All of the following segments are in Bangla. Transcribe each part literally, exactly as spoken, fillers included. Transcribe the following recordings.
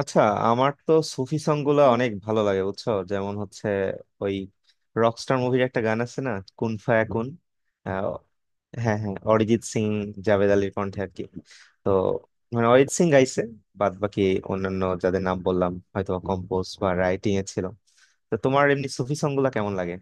আচ্ছা, আমার তো সুফি সং গুলা অনেক ভালো লাগে, বুঝছো? যেমন হচ্ছে ওই রকস্টার মুভির একটা গান আছে না, কুন ফায়া কুন। আহ, হ্যাঁ হ্যাঁ, অরিজিৎ সিং, জাভেদ আলীর কণ্ঠে আর কি। তো মানে অরিজিৎ সিং গাইছে, বাদ বাকি অন্যান্য যাদের নাম বললাম হয়তো কম্পোজ বা রাইটিং এ ছিল। তো তোমার এমনি সুফি সং গুলা কেমন লাগে?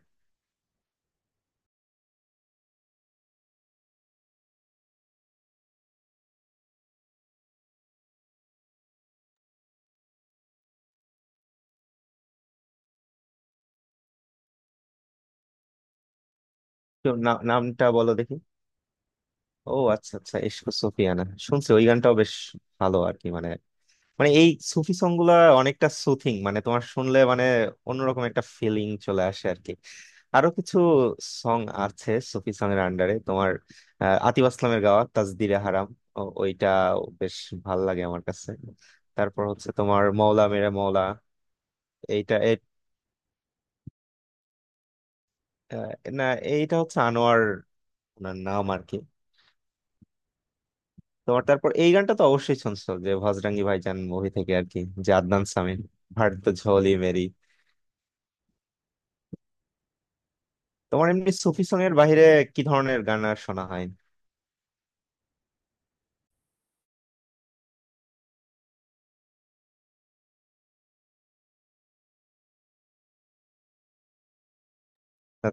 তো না- নামটা বলো দেখি। ও আচ্ছা আচ্ছা, ইশক সুফিয়ানা শুনছি, ওই গানটাও বেশ ভালো আর কি। মানে, মানে এই সুফি সং গুলা অনেকটা সুথিং, মানে তোমার শুনলে মানে অন্যরকম একটা ফিলিং চলে আসে আর কি। আরো কিছু সং আছে সুফি সং এর আন্ডারে তোমার? আহ, আতিফ আসলামের গাওয়া তাজদিরে হারাম, ও- ওইটা বেশ ভাল লাগে আমার কাছে। তারপর হচ্ছে তোমার মৌলা মেরে মৌলা। এইটা এ- আহ, না, এইটা হচ্ছে আনোয়ার, ওনার নাম আর কি। তোমার তারপর এই গানটা তো অবশ্যই শুনছো, যে ভজরাঙ্গি ভাইজান মুভি থেকে আর কি, যে আদনান সামির ভাট তো ঝোলি মেরি। তোমার এমনি সুফি সং এর বাইরে কি ধরনের গান আর শোনা হয়? তা-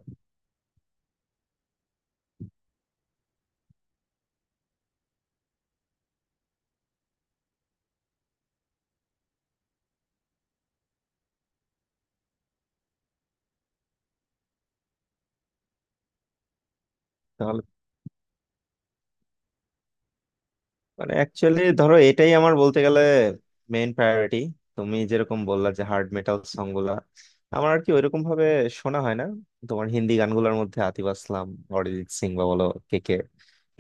তাহলে মানে অ্যাকচুয়ালি ধরো, এটাই আমার বলতে গেলে মেইন প্রায়োরিটি। তুমি যেরকম বললা যে হার্ড মেটাল সং গুলা, আমার আর কি ওইরকম ভাবে শোনা হয় না। তোমার হিন্দি গানগুলোর মধ্যে আতিফ আসলাম, অরিজিৎ সিং বা বলো কে কে,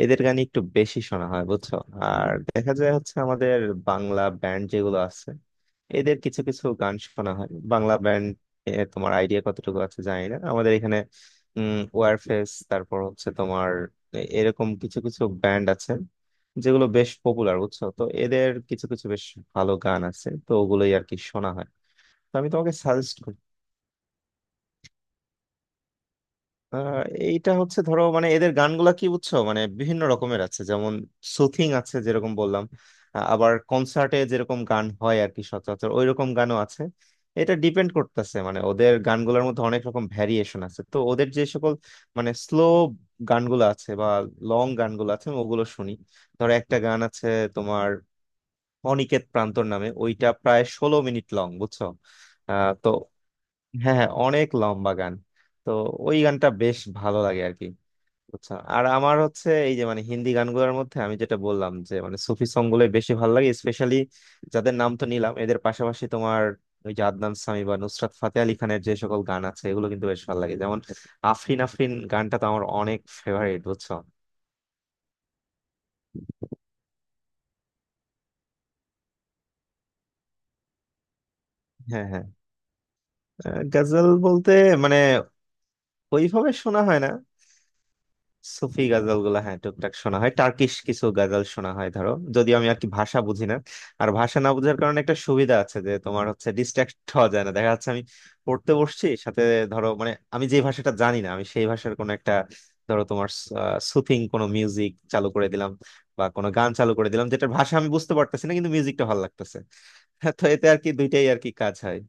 এদের গানই একটু বেশি শোনা হয় বুঝছো। আর দেখা যায় হচ্ছে আমাদের বাংলা ব্যান্ড যেগুলো আছে, এদের কিছু কিছু গান শোনা হয়। বাংলা ব্যান্ড তোমার আইডিয়া কতটুকু আছে জানি না, আমাদের এখানে উম ওয়ারফেস, তারপর হচ্ছে তোমার এ- এরকম কিছু কিছু ব্যান্ড আছে যেগুলো বেশ পপুলার বুঝছো। তো এদের কিছু কিছু বেশ ভালো গান আছে, তো ওগুলোই আর কি শোনা হয়। তো আমি তোমাকে সাজেস্ট করি। আহ, এইটা হচ্ছে ধরো মানে এদের গানগুলা কি বুঝছো, মানে বিভিন্ন রকমের আছে যেমন সুথিং আছে যেরকম বললাম। আহ, আবার কনসার্টে যেরকম গান হয় আর কি, সচরাচর ওই রকম গানও আছে। এটা ডিপেন্ড করতেছে, মানে ওদের গানগুলোর মধ্যে অনেক রকম ভ্যারিয়েশন আছে, তো ওদের যে সকল মানে স্লো গানগুলো আছে বা লং গানগুলো আছে আমি ওগুলো শুনি। ধরো একটা গান আছে তোমার, অনিকেত প্রান্তর নামে, ওইটা প্রায় ষোলো মিনিট লং, বুঝছো। আহ, তো হ্যাঁ হ্যাঁ, অনেক লম্বা গান। তো ওই গানটা বেশ ভালো লাগে আর কি, বুঝছো। আর আমার হচ্ছে এই যে মানে হিন্দি গানগুলোর মধ্যে আমি যেটা বললাম যে মানে সুফি সং গুলো বেশি ভালো লাগে স্পেশালি। যাদের নাম তো নিলাম, এদের পাশাপাশি তোমার ওই যে আদনান সামি বা নুসরাত ফাতে আলি খানের যে সকল গান আছে এগুলো কিন্তু বেশ ভালো লাগে। যেমন আফরিন আফরিন গানটা তো আমার অনেক ফেভারিট, বুঝছো। হ্যাঁ হ্যাঁ, আহ, গজল বলতে মানে ওইভাবে শোনা হয় না। সুফি গাজাল গুলা হ্যাঁ টুকটাক শোনা হয়, টার্কিশ কিছু গাজাল শোনা হয় ধরো, যদিও আমি আর কি ভাষা বুঝি না। আর ভাষা না বোঝার কারণে একটা সুবিধা আছে, যে তোমার হচ্ছে ডিস্ট্রাক্ট হওয়া যায় না, দেখা যাচ্ছে আমি পড়তে বসছি সাথে, ধরো মানে আমি যে ভাষাটা জানি না, আমি সেই ভাষার কোনো একটা, ধরো তোমার সুথিং কোনো মিউজিক চালু করে দিলাম বা কোনো গান চালু করে দিলাম যেটার ভাষা আমি বুঝতে পারতেছি না কিন্তু মিউজিকটা ভালো লাগতেছে। হ্যাঁ, তো এতে আর কি দুইটাই আর কি কাজ হয়।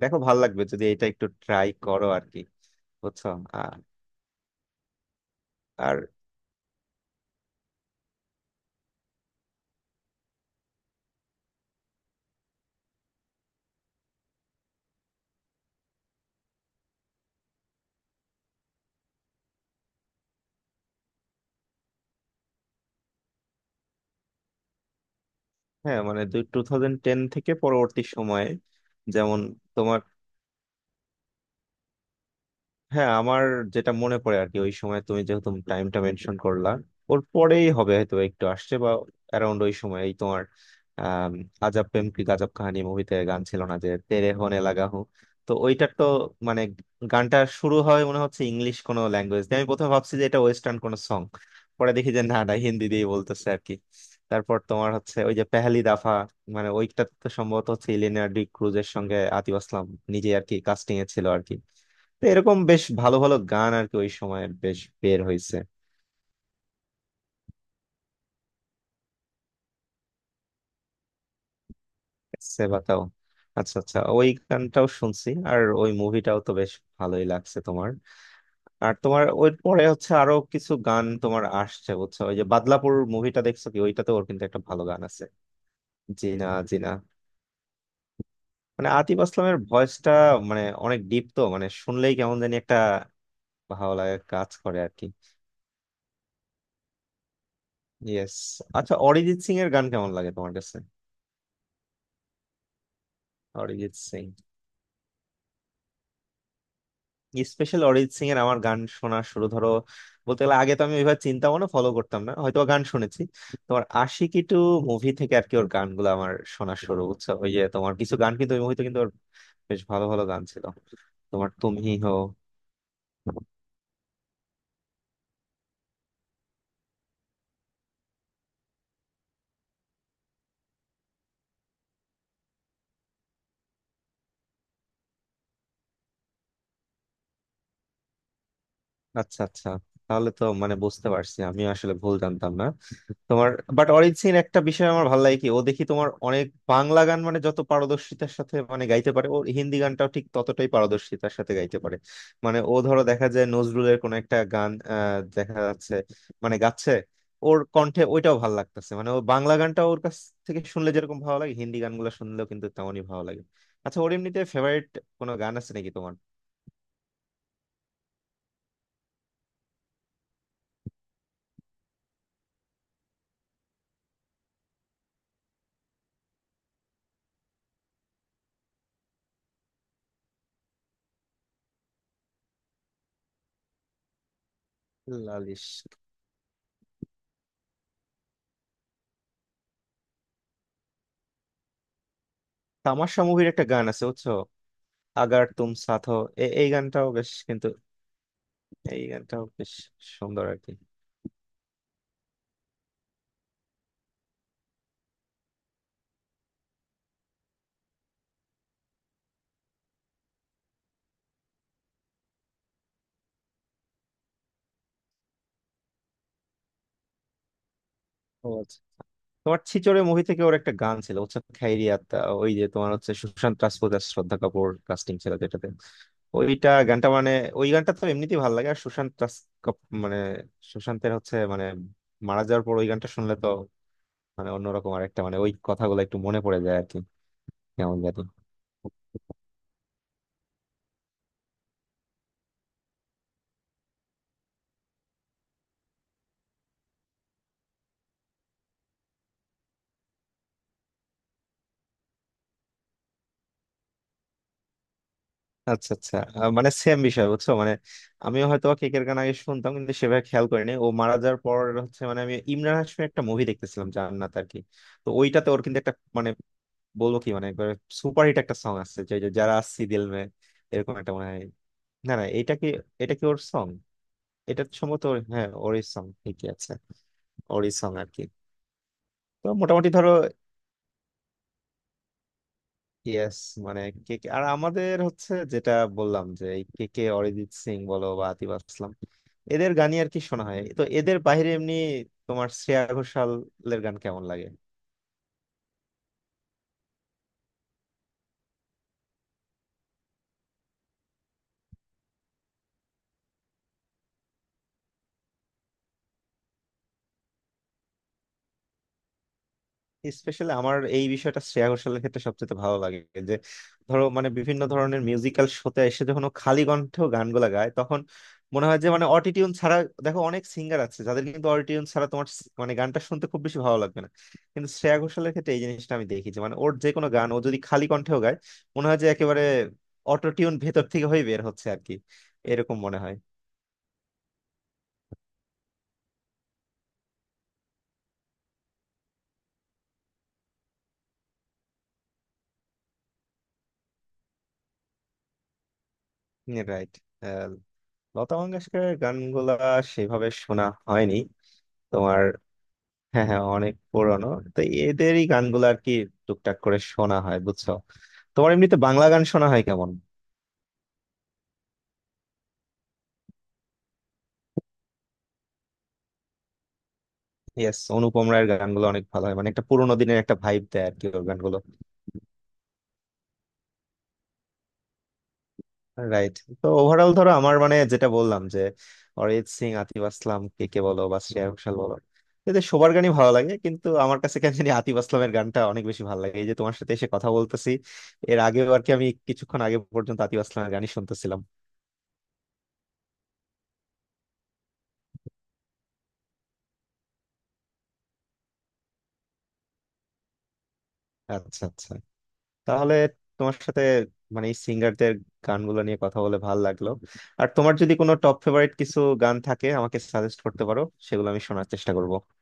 দেখো ভালো লাগবে যদি এটা একটু ট্রাই করো আর কি, বুঝছো। আর হ্যাঁ, মানে দুই টু থাউজেন্ড টেন থেকে পরবর্তী সময়ে, যেমন তোমার, হ্যাঁ আমার যেটা মনে পড়ে আর কি, ওই সময় তুমি যেহেতু টাইমটা মেনশন করলা, ওর পরেই হবে হয়তো একটু আসছে বা অ্যারাউন্ড ওই সময় এই তোমার, আম, আজাব প্রেম কি গাজব কাহানি মুভিতে গান ছিল না, যে তেরে হোনে লাগা হো? তো ওইটার তো মানে গানটা শুরু হয় মনে হচ্ছে ইংলিশ কোনো ল্যাঙ্গুয়েজ দিয়ে, আমি প্রথমে ভাবছি যে এটা ওয়েস্টার্ন কোনো সং, পরে দেখি যে না না হিন্দি দিয়েই বলতেছে আর কি। তারপর তোমার হচ্ছে ওই যে পেহলি দাফা, মানে ওইটা তো সম্ভবত হচ্ছে ইলিয়ানা ডি ক্রুজের সঙ্গে আতিফ আসলাম নিজে আর কি কাস্টিং এ ছিল আর কি। তো এরকম বেশ ভালো ভালো গান আর কি ওই সময়ের বেশ বের হয়েছে। সে বাতাও, আচ্ছা আচ্ছা, ওই গানটাও শুনছি। আর ওই মুভিটাও তো বেশ ভালোই লাগছে তোমার। আর তোমার ওই পরে হচ্ছে আরো কিছু গান তোমার আসছে বুঝছো, ওই যে বাদলাপুর মুভিটা দেখছো কি? ওইটাতে ওর কিন্তু একটা ভালো গান আছে, জিনা জিনা। মানে আতিফ আসলামের ভয়েসটা মানে অনেক ডিপ, তো মানে শুনলেই কেমন জানি একটা ভালো লাগে কাজ করে আর কি। ইয়েস। আচ্ছা, অরিজিৎ সিং এর গান কেমন লাগে তোমার কাছে? অরিজিৎ সিং, স্পেশাল অরিজিৎ সিং এর আমার গান শোনা শুরু ধরো বলতে গেলে, আগে তো আমি ওইভাবে চিন্তা ভাবনা ফলো করতাম না, হয়তো বা গান শুনেছি। তোমার আশিকি টু মুভি থেকে আর কি ওর গানগুলো আমার শোনা শুরু বুঝছো, ওই যে তোমার কিছু গান কিন্তু ওই মুভিতে কিন্তু ওর বেশ ভালো ভালো গান ছিল। তোমার তুমি হো। আচ্ছা আচ্ছা, তাহলে তো মানে বুঝতে পারছি, আমি আসলে ভুল জানতাম না তোমার। বাট অরিজিন একটা বিষয় আমার ভালো লাগে কি, ও দেখি তোমার অনেক বাংলা গান মানে যত পারদর্শিতার সাথে মানে গাইতে পারে, ও হিন্দি গানটাও ঠিক ততটাই পারদর্শিতার সাথে গাইতে পারে। মানে ও ধরো দেখা যায় নজরুলের কোন একটা গান, আহ, দেখা যাচ্ছে মানে গাচ্ছে ওর কণ্ঠে, ওইটাও ভালো লাগতেছে। মানে ও বাংলা গানটাও ওর কাছ থেকে শুনলে যেরকম ভালো লাগে, হিন্দি গানগুলো শুনলেও কিন্তু তেমনই ভালো লাগে। আচ্ছা ওর এমনিতে ফেভারিট কোনো গান আছে নাকি তোমার? লালিশ, তামাশা মুভির একটা গান আছে বুঝছো, আগার তুম সাথ হো। এ- এই গানটাও বেশ কিন্তু, এই গানটা বেশ সুন্দর আর কি। ও আচ্ছা। তোমার ছিচড়ে মুভি থেকে ওর একটা গান ছিল হচ্ছে খাইরিয়াতা, ওই যে তোমার হচ্ছে সুশান্ত রাজপুত আর শ্রদ্ধা কাপুর কাস্টিং ছিল যেটাতে। ওইটা গানটা মানে ওই গানটা তো এমনিতেই ভালো লাগে। আর সুশান্ত রাজ কাপ- মানে সুশান্তের হচ্ছে মানে মারা যাওয়ার পর ওই গানটা শুনলে তো মানে অন্যরকম আর একটা মানে ওই কথাগুলো একটু মনে পড়ে যায় আর কি, কেমন জানি। আচ্ছা আচ্ছা, আহ, মানে সেম বিষয় বুঝছো মানে। আমিও হয়তো বা কেকের গান আগে শুনতাম কিন্তু সেভাবে খেয়াল করিনি, ও মারা যাওয়ার পর হচ্ছে মানে আমি ইমরান হাশমির একটা মুভি দেখতেছিলাম, জান্নাত আর কি। তো ওইটাতে ওর কিন্তু একটা মানে বলবো কি মানে একবার সুপারহিট একটা সং আছে যে যে যারা আসছি দিল মে, এরকম একটা মনে হয়। না না, এটা কি, এটা কি ওর সং? এটা সম্ভবত ওর- হ্যাঁ, ওরই সং ঠিকই আছে, ওরই সং আর কি। তো মোটামুটি ধরো, ইয়েস, মানে কেকে আর আমাদের হচ্ছে যেটা বললাম যে এই কেকে, অরিজিৎ সিং বলো বা আতিফ আসলাম, এদের গানই আর কি শোনা হয়। তো এদের বাইরে এমনি তোমার শ্রেয়া ঘোষালের গান কেমন লাগে? স্পেশালি আমার এই বিষয়টা শ্রেয়া ঘোষালের ক্ষেত্রে সবচেয়ে ভালো লাগে যে, ধরো মানে বিভিন্ন ধরনের মিউজিক্যাল শোতে এসে যখন ও খালি কণ্ঠে গানগুলা গায় তখন মনে হয় যে মানে অটিটিউন ছাড়া। দেখো অনেক সিঙ্গার আছে যাদের কিন্তু অটিটিউন ছাড়া তোমার স- মানে গানটা শুনতে খুব বেশি ভালো লাগবে না, কিন্তু শ্রেয়া ঘোষালের ক্ষেত্রে এই জিনিসটা আমি দেখি যে মানে ওর যে কোনো গান ও যদি খালি কণ্ঠেও গায় মনে হয় যে একেবারে অটোটিউন ভেতর থেকে হয়ে বের হচ্ছে আর কি, এরকম মনে হয়। রাইট, লতা মঙ্গেশকরের গানগুলা সেভাবে শোনা হয়নি তোমার। হ্যাঁ হ্যাঁ, অনেক পুরনো। তো এদেরই গানগুলো আর কি টুকটাক করে শোনা হয় বুঝছো। তোমার এমনিতে বাংলা গান শোনা হয় কেমন? ইয়েস, অনুপম রায়ের গানগুলো অনেক ভালো হয়, মানে একটা পুরোনো দিনের একটা ভাইব দেয় আর কি ওর গানগুলো। রাইট, তো ওভারঅল ধরো আমার মানে যেটা বললাম যে অরিজিৎ সিং, আতিফ আসলাম, কে কে বলো বা শ্রেয়া ঘোষাল বলো, এদের সবার গানই ভালো লাগে কিন্তু আমার কাছে কেন জানি আতিফ আসলামের গানটা অনেক বেশি ভালো লাগে। এই যে তোমার সাথে এসে কথা বলতেছি, এর আগেও আর কি আমি কিছুক্ষণ আগে পর্যন্ত আতিফ আসলামের গানই শুনতেছিলাম। আচ্ছা আচ্ছা, তাহলে তোমার সাথে মানে এই সিঙ্গারদের গানগুলো নিয়ে কথা বলে ভালো লাগলো। আর তোমার যদি কোনো টপ ফেভারিট কিছু গান থাকে আমাকে সাজেস্ট করতে পারো, সেগুলো আমি শোনার চেষ্টা করব।